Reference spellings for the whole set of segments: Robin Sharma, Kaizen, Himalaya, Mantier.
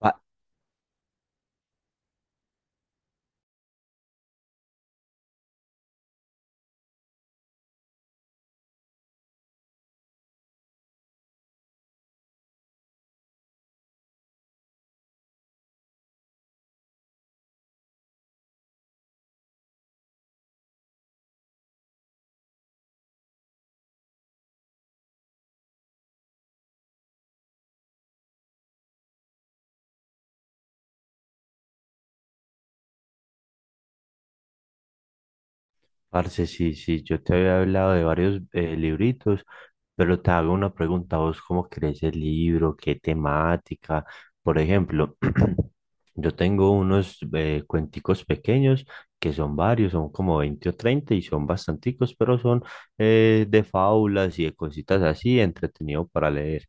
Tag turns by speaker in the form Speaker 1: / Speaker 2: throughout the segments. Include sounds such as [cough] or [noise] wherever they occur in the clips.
Speaker 1: Pa- Parce, sí, sí, yo te había hablado de varios libritos, pero te hago una pregunta, ¿vos cómo crees el libro? ¿Qué temática? Por ejemplo, [clears throat] yo tengo unos cuenticos pequeños que son varios, son como 20 o 30 y son bastanticos, pero son de fábulas y de cositas así, entretenido para leer.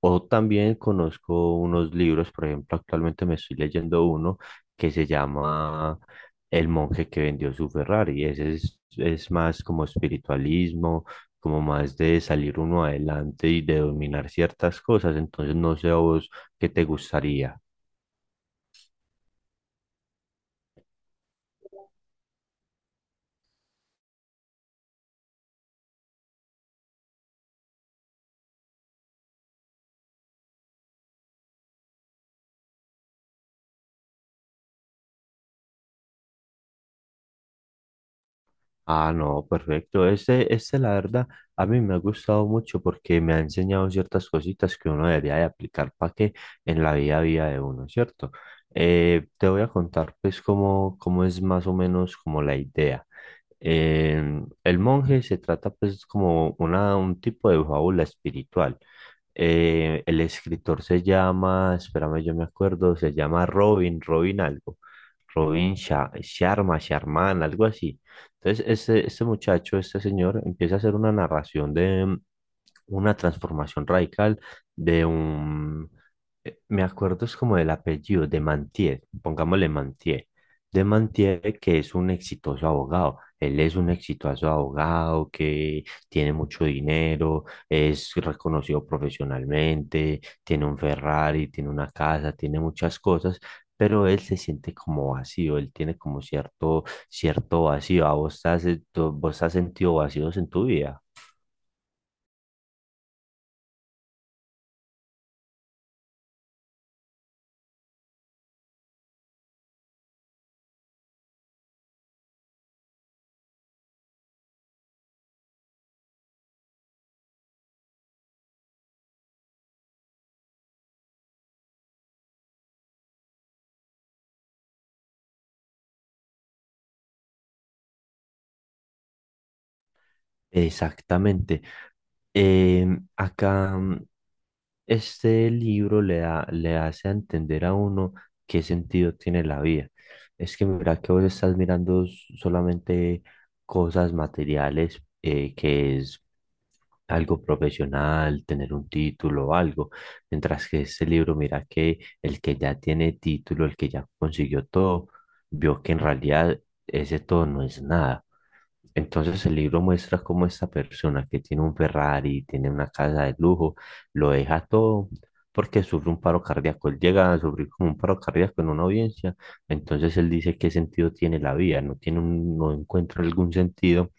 Speaker 1: O también conozco unos libros, por ejemplo, actualmente me estoy leyendo uno que se llama el monje que vendió su Ferrari. Es más como espiritualismo, como más de salir uno adelante y de dominar ciertas cosas. Entonces, no sé a vos qué te gustaría. Ah, no, perfecto. La verdad, a mí me ha gustado mucho porque me ha enseñado ciertas cositas que uno debería de aplicar para que en la vida a vida de uno, ¿cierto? Te voy a contar pues cómo es más o menos como la idea. El monje se trata pues como un tipo de fábula espiritual. El escritor se llama, espérame, yo me acuerdo, se llama Robin algo, Robin Sharma, Sharman, algo así. Entonces, este muchacho, este señor, empieza a hacer una narración de una transformación radical de un, me acuerdo es como del apellido, de Mantier, pongámosle Mantier, de Mantier que es un exitoso abogado. Él es un exitoso abogado que tiene mucho dinero, es reconocido profesionalmente, tiene un Ferrari, tiene una casa, tiene muchas cosas, pero él se siente como vacío, él tiene como cierto vacío. ¿A vos has sentido vacíos en tu vida? Exactamente. Acá, este libro le da, le hace a entender a uno qué sentido tiene la vida. Es que mira que vos estás mirando solamente cosas materiales, que es algo profesional, tener un título o algo, mientras que este libro mira que el que ya tiene título, el que ya consiguió todo, vio que en realidad ese todo no es nada. Entonces el libro muestra cómo esta persona que tiene un Ferrari, tiene una casa de lujo, lo deja todo porque sufre un paro cardíaco. Él llega a sufrir como un paro cardíaco en una audiencia. Entonces él dice qué sentido tiene la vida, no no encuentra algún sentido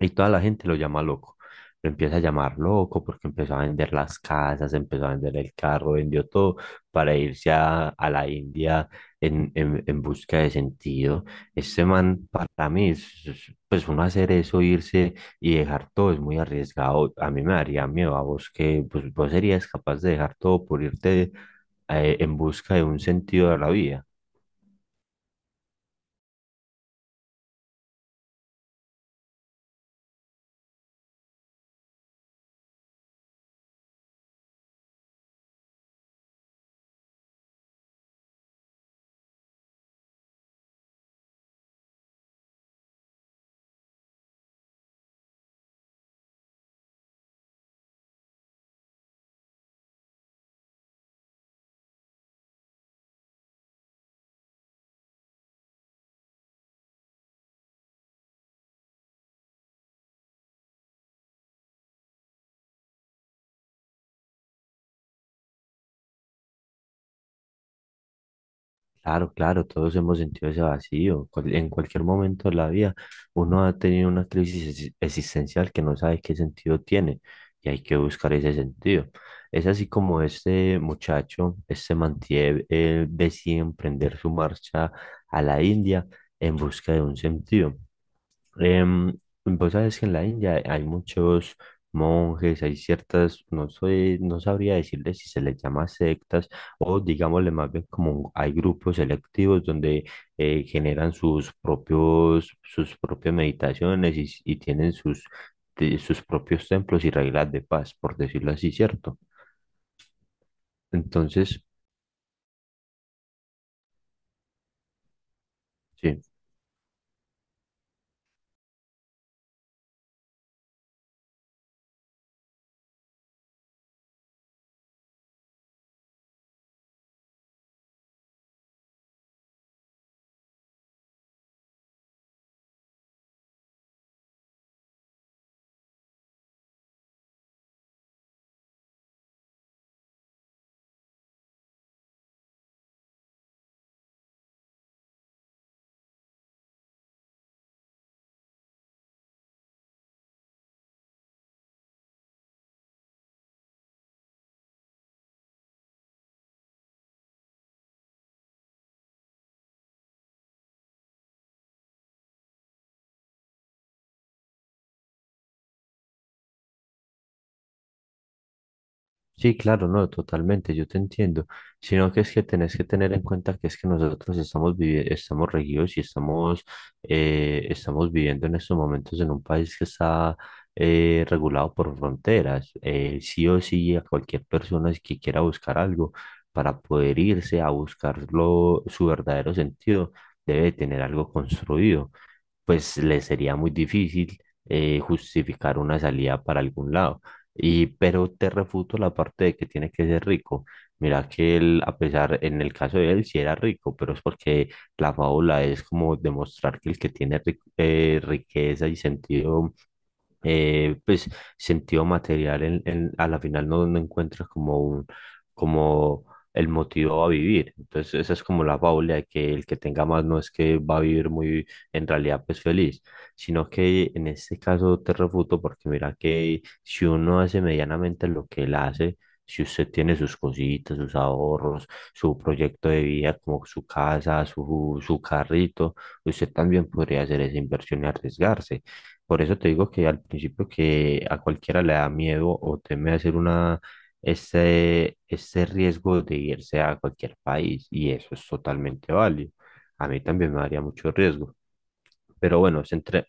Speaker 1: y toda la gente lo llama loco. Lo empieza a llamar loco porque empezó a vender las casas, empezó a vender el carro, vendió todo para a la India en busca de sentido. Este man, para mí, pues uno hacer eso, irse y dejar todo es muy arriesgado. A mí me daría miedo. ¿A vos que pues, vos serías capaz de dejar todo por irte en busca de un sentido de la vida? Claro, claro, todos hemos sentido ese vacío. En cualquier momento de la vida, uno ha tenido una crisis existencial que no sabe qué sentido tiene y hay que buscar ese sentido. Es así como este muchacho, este Mantier, él decide emprender su marcha a la India en busca de un sentido. Em, Vos sabes que en la India hay muchos monjes, hay no soy, no sabría decirle si se les llama sectas o digámosle más bien como hay grupos selectivos donde generan sus propias meditaciones y tienen sus propios templos y reglas de paz, por decirlo así, ¿cierto? Entonces, sí. Sí, claro, no, totalmente, yo te entiendo, sino que es que tenés que tener en cuenta que es que nosotros estamos estamos regidos y estamos viviendo en estos momentos en un país que está regulado por fronteras. Sí o sí, a cualquier persona que quiera buscar algo para poder irse a buscarlo, su verdadero sentido, debe tener algo construido, pues le sería muy difícil justificar una salida para algún lado. Y pero te refuto la parte de que tiene que ser rico. Mira que él, a pesar, en el caso de él, sí era rico, pero es porque la fábula es como demostrar que el que tiene riqueza y sentido pues sentido material a la final no, no encuentras como como el motivo a vivir. Entonces esa es como la fábula de que el que tenga más no es que va a vivir muy en realidad pues feliz, sino que en este caso te refuto porque mira que si uno hace medianamente lo que él hace, si usted tiene sus cositas, sus ahorros, su proyecto de vida como su casa, su carrito, usted también podría hacer esa inversión y arriesgarse. Por eso te digo que al principio que a cualquiera le da miedo o teme hacer ese riesgo de irse a cualquier país y eso es totalmente válido. A mí también me daría mucho riesgo. Pero bueno, centré,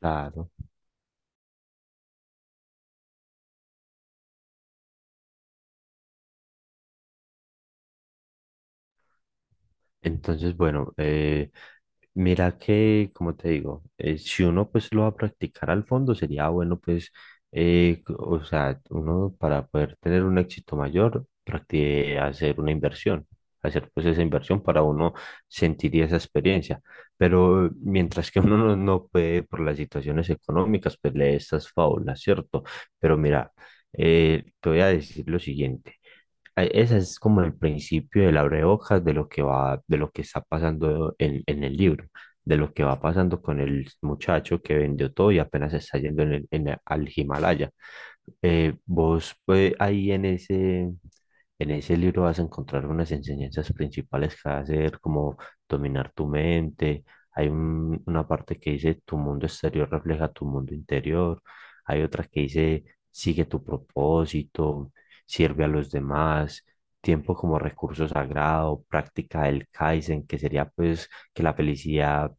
Speaker 1: claro. Entonces, bueno, mira que, como te digo, si uno pues lo va a practicar al fondo, sería bueno pues, o sea, uno para poder tener un éxito mayor, practique hacer una inversión, hacer pues esa inversión para uno sentir esa experiencia. Pero mientras que uno no, no puede por las situaciones económicas, pues lee estas fábulas, ¿cierto? Pero mira, te voy a decir lo siguiente. Ese es como el principio del abrebocas de lo que va, de lo que está pasando en el libro, de lo que va pasando con el muchacho que vendió todo y apenas está yendo al Himalaya. Vos pues, ahí en ese libro vas a encontrar unas enseñanzas principales que hacer, como dominar tu mente. Una parte que dice tu mundo exterior refleja tu mundo interior. Hay otra que dice sigue tu propósito, sirve a los demás, tiempo como recurso sagrado, práctica del Kaizen, que sería pues que la felicidad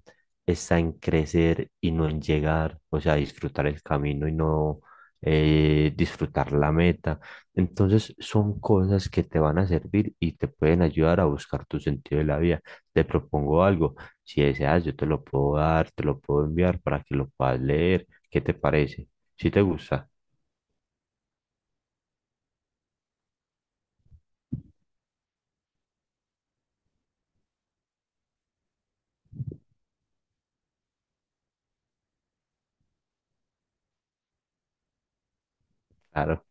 Speaker 1: está en crecer y no en llegar, o sea, disfrutar el camino y no disfrutar la meta. Entonces son cosas que te van a servir y te pueden ayudar a buscar tu sentido de la vida. Te propongo algo, si deseas yo te lo puedo dar, te lo puedo enviar para que lo puedas leer. ¿Qué te parece? Si te gusta, claro.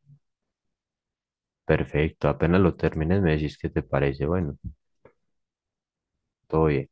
Speaker 1: Perfecto, apenas lo termines me decís qué te parece. Bueno, todo bien.